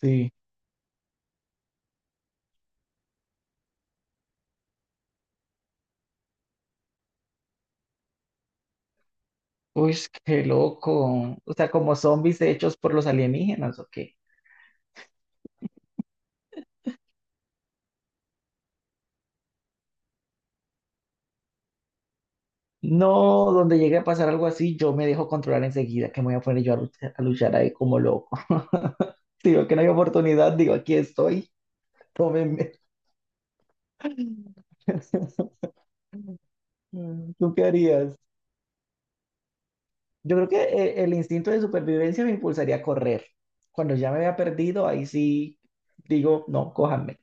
Sí. Uy, qué loco. O sea, como zombies hechos por los alienígenas, ¿o qué? No, donde llegue a pasar algo así, yo me dejo controlar enseguida, que me voy a poner yo a luchar ahí como loco. Si veo que no hay oportunidad, digo, aquí estoy, tómenme. Mm, ¿tú qué harías? Yo creo que el instinto de supervivencia me impulsaría a correr. Cuando ya me había perdido, ahí sí digo, no, cójanme.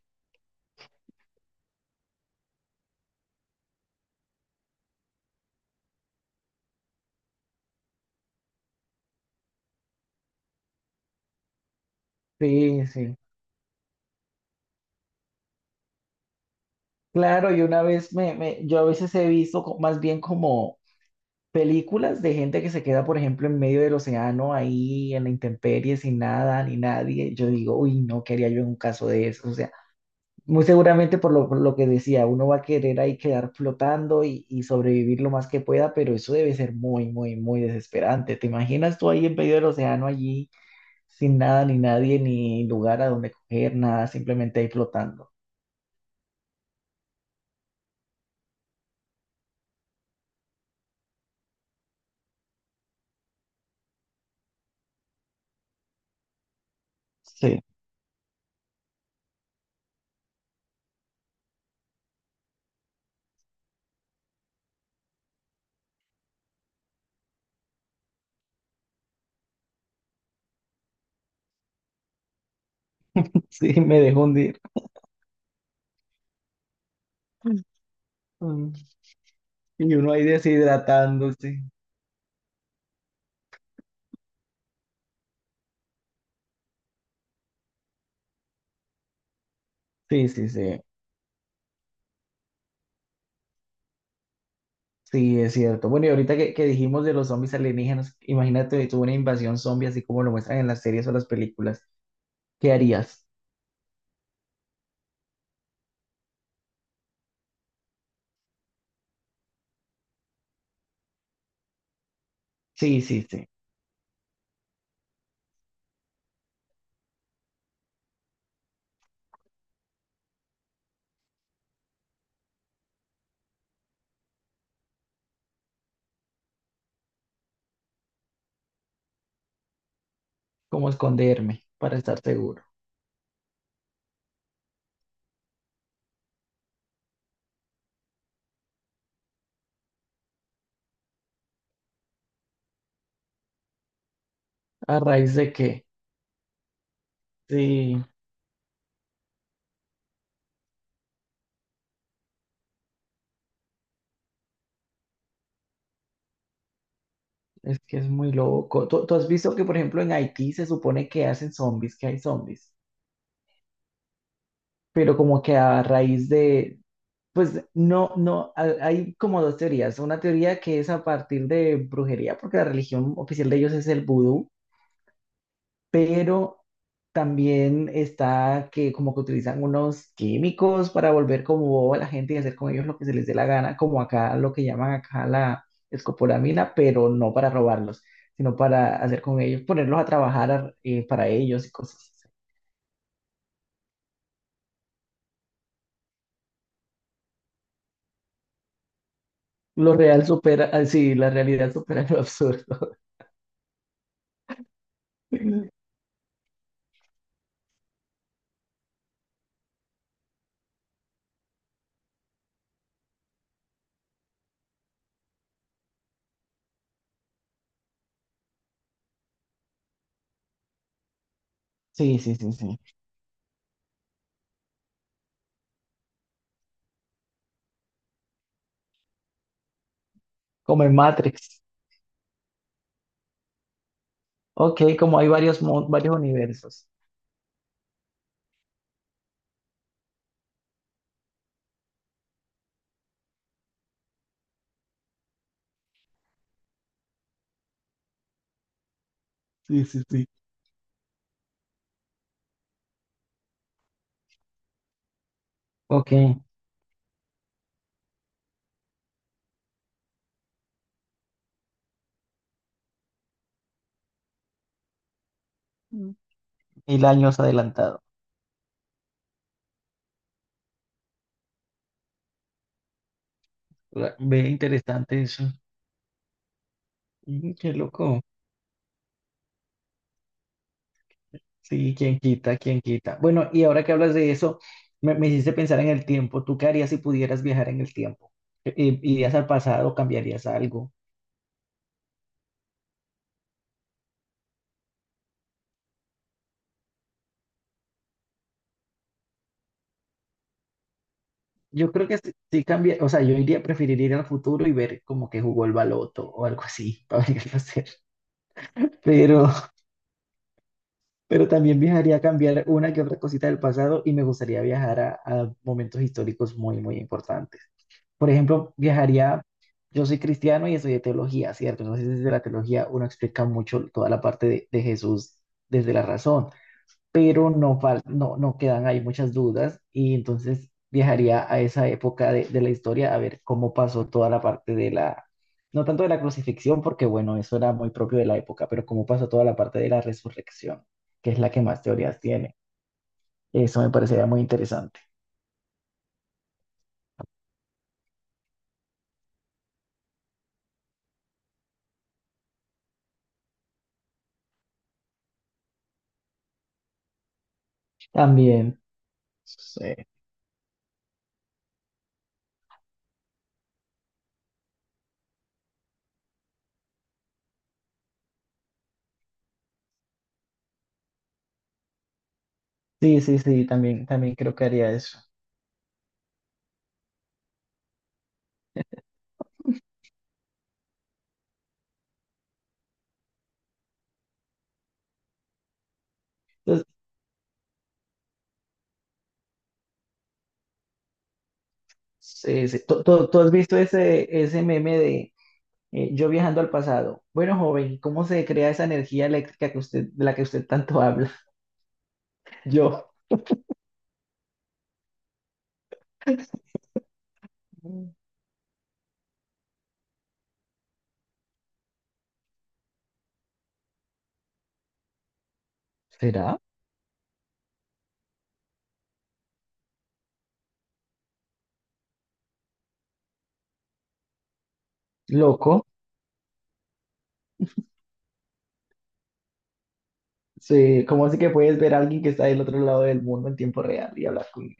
Sí, sí. Claro, y una vez yo a veces he visto más bien como películas de gente que se queda, por ejemplo, en medio del océano, ahí en la intemperie, sin nada, ni nadie. Yo digo, uy, no, ¿qué haría yo en un caso de eso? O sea, muy seguramente por lo que decía, uno va a querer ahí quedar flotando y sobrevivir lo más que pueda, pero eso debe ser muy, muy, muy desesperante. ¿Te imaginas tú ahí en medio del océano, allí, sin nada, ni nadie, ni lugar a donde coger, nada, simplemente ahí flotando? Sí, sí, me dejó hundir. Mm. Y uno ahí deshidratándose. Sí, sí, sí. Sí, es cierto. Bueno, y ahorita que dijimos de los zombies alienígenas, imagínate tú una invasión zombie así como lo muestran en las series o las películas. ¿Qué harías? Sí, sí, sí. ¿Cómo esconderme para estar seguro? ¿A raíz de qué? Sí, es que es muy loco. ¿Tú has visto que, por ejemplo, en Haití se supone que hacen zombies, que hay zombies, pero como que a raíz de... Pues no, no, hay como dos teorías. Una teoría que es a partir de brujería, porque la religión oficial de ellos es el vudú, pero también está que como que utilizan unos químicos para volver como boba a la gente y hacer con ellos lo que se les dé la gana, como acá lo que llaman acá la escopolamina, pero no para robarlos, sino para hacer con ellos, ponerlos a trabajar para ellos y cosas así. Lo real supera, ah, sí, la realidad supera lo absurdo. Sí, sí, sí, sí. Como en Matrix. Ok, como hay varios, varios universos. Sí, sí, sí. Ok. Mm. 1000 años adelantado. Ve interesante eso. Mm, qué loco. Sí, quién quita, quién quita. Bueno, y ahora que hablas de eso, me hiciste pensar en el tiempo. ¿Tú qué harías si pudieras viajar en el tiempo? ¿Irías al pasado, cambiarías algo? Yo creo que sí, sí cambia, o sea, yo iría, preferiría ir al futuro y ver como que jugó el baloto o algo así para ver qué va. Pero... Pero también viajaría a cambiar una que otra cosita del pasado y me gustaría viajar a momentos históricos muy, muy importantes. Por ejemplo, viajaría, yo soy cristiano y estudié teología, ¿cierto? Entonces, desde la teología uno explica mucho toda la parte de Jesús desde la razón, pero no, no, no quedan ahí muchas dudas y entonces viajaría a esa época de la historia a ver cómo pasó toda la parte de la, no tanto de la crucifixión, porque bueno, eso era muy propio de la época, pero cómo pasó toda la parte de la resurrección, que es la que más teorías tiene. Eso me parecería muy interesante. También, sí, sí, sí, sí, también, también creo que haría eso. Entonces, sí, sí. ¿Tú has visto ese, ese meme? Yo viajando al pasado. Bueno, joven, ¿cómo se crea esa energía eléctrica que usted, de la que usted tanto habla? Yo... ¿Será? Loco. Sí, ¿cómo así que puedes ver a alguien que está del otro lado del mundo en tiempo real y hablar con él?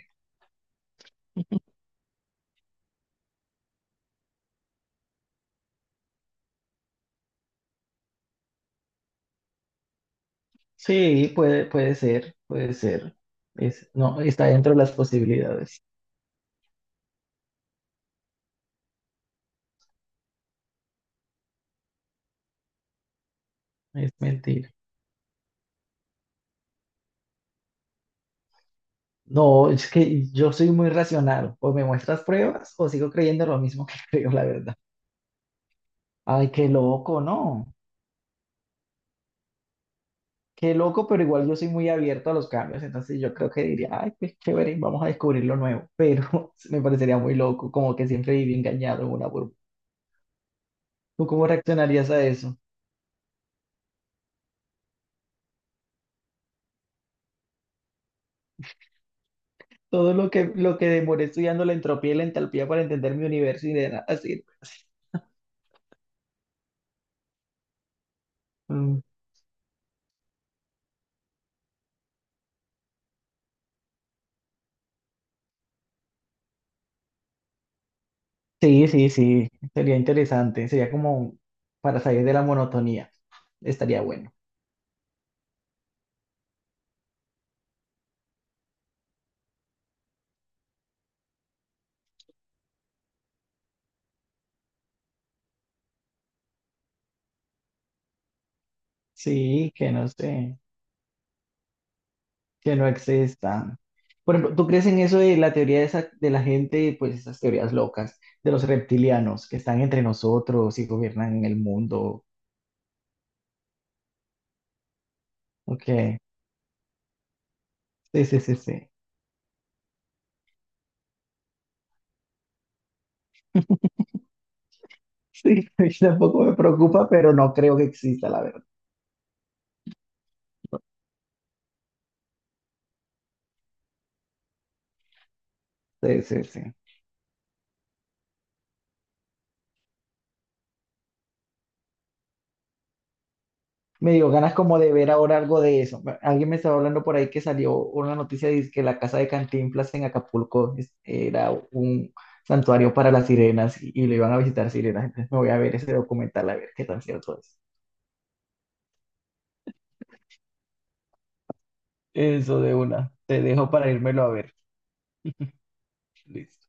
Sí, puede, puede ser, puede ser. Es, no, está dentro de las posibilidades. Es mentira. No, es que yo soy muy racional. O me muestras pruebas o sigo creyendo lo mismo que creo, la verdad. Ay, qué loco, ¿no? Qué loco, pero igual yo soy muy abierto a los cambios, entonces yo creo que diría, ay, pues chévere, vamos a descubrir lo nuevo, pero me parecería muy loco, como que siempre viví engañado en una burbuja. ¿Tú cómo reaccionarías a eso? Todo lo que demoré estudiando la entropía y la entalpía para entender mi universo y de nada sirve. Mm. Sí, sí, sí, sería interesante, sería como para salir de la monotonía, estaría bueno. Sí, que no sé. Que no existan. Por ejemplo, ¿tú crees en eso de la teoría de, esa- de la gente, pues esas teorías locas, de los reptilianos que están entre nosotros y gobiernan en el mundo? Ok, sí, sí, sí, sí. Sí, tampoco me preocupa, pero no creo que exista, la verdad. Sí, sí, sí. Me dio ganas como de ver ahora algo de eso. Bueno, alguien me estaba hablando por ahí que salió una noticia de que la casa de Cantinflas en Acapulco era un santuario para las sirenas y lo iban a visitar sirenas. Entonces me voy a ver ese documental a ver qué tan cierto es. Eso de una. Te dejo para írmelo a ver. Listo.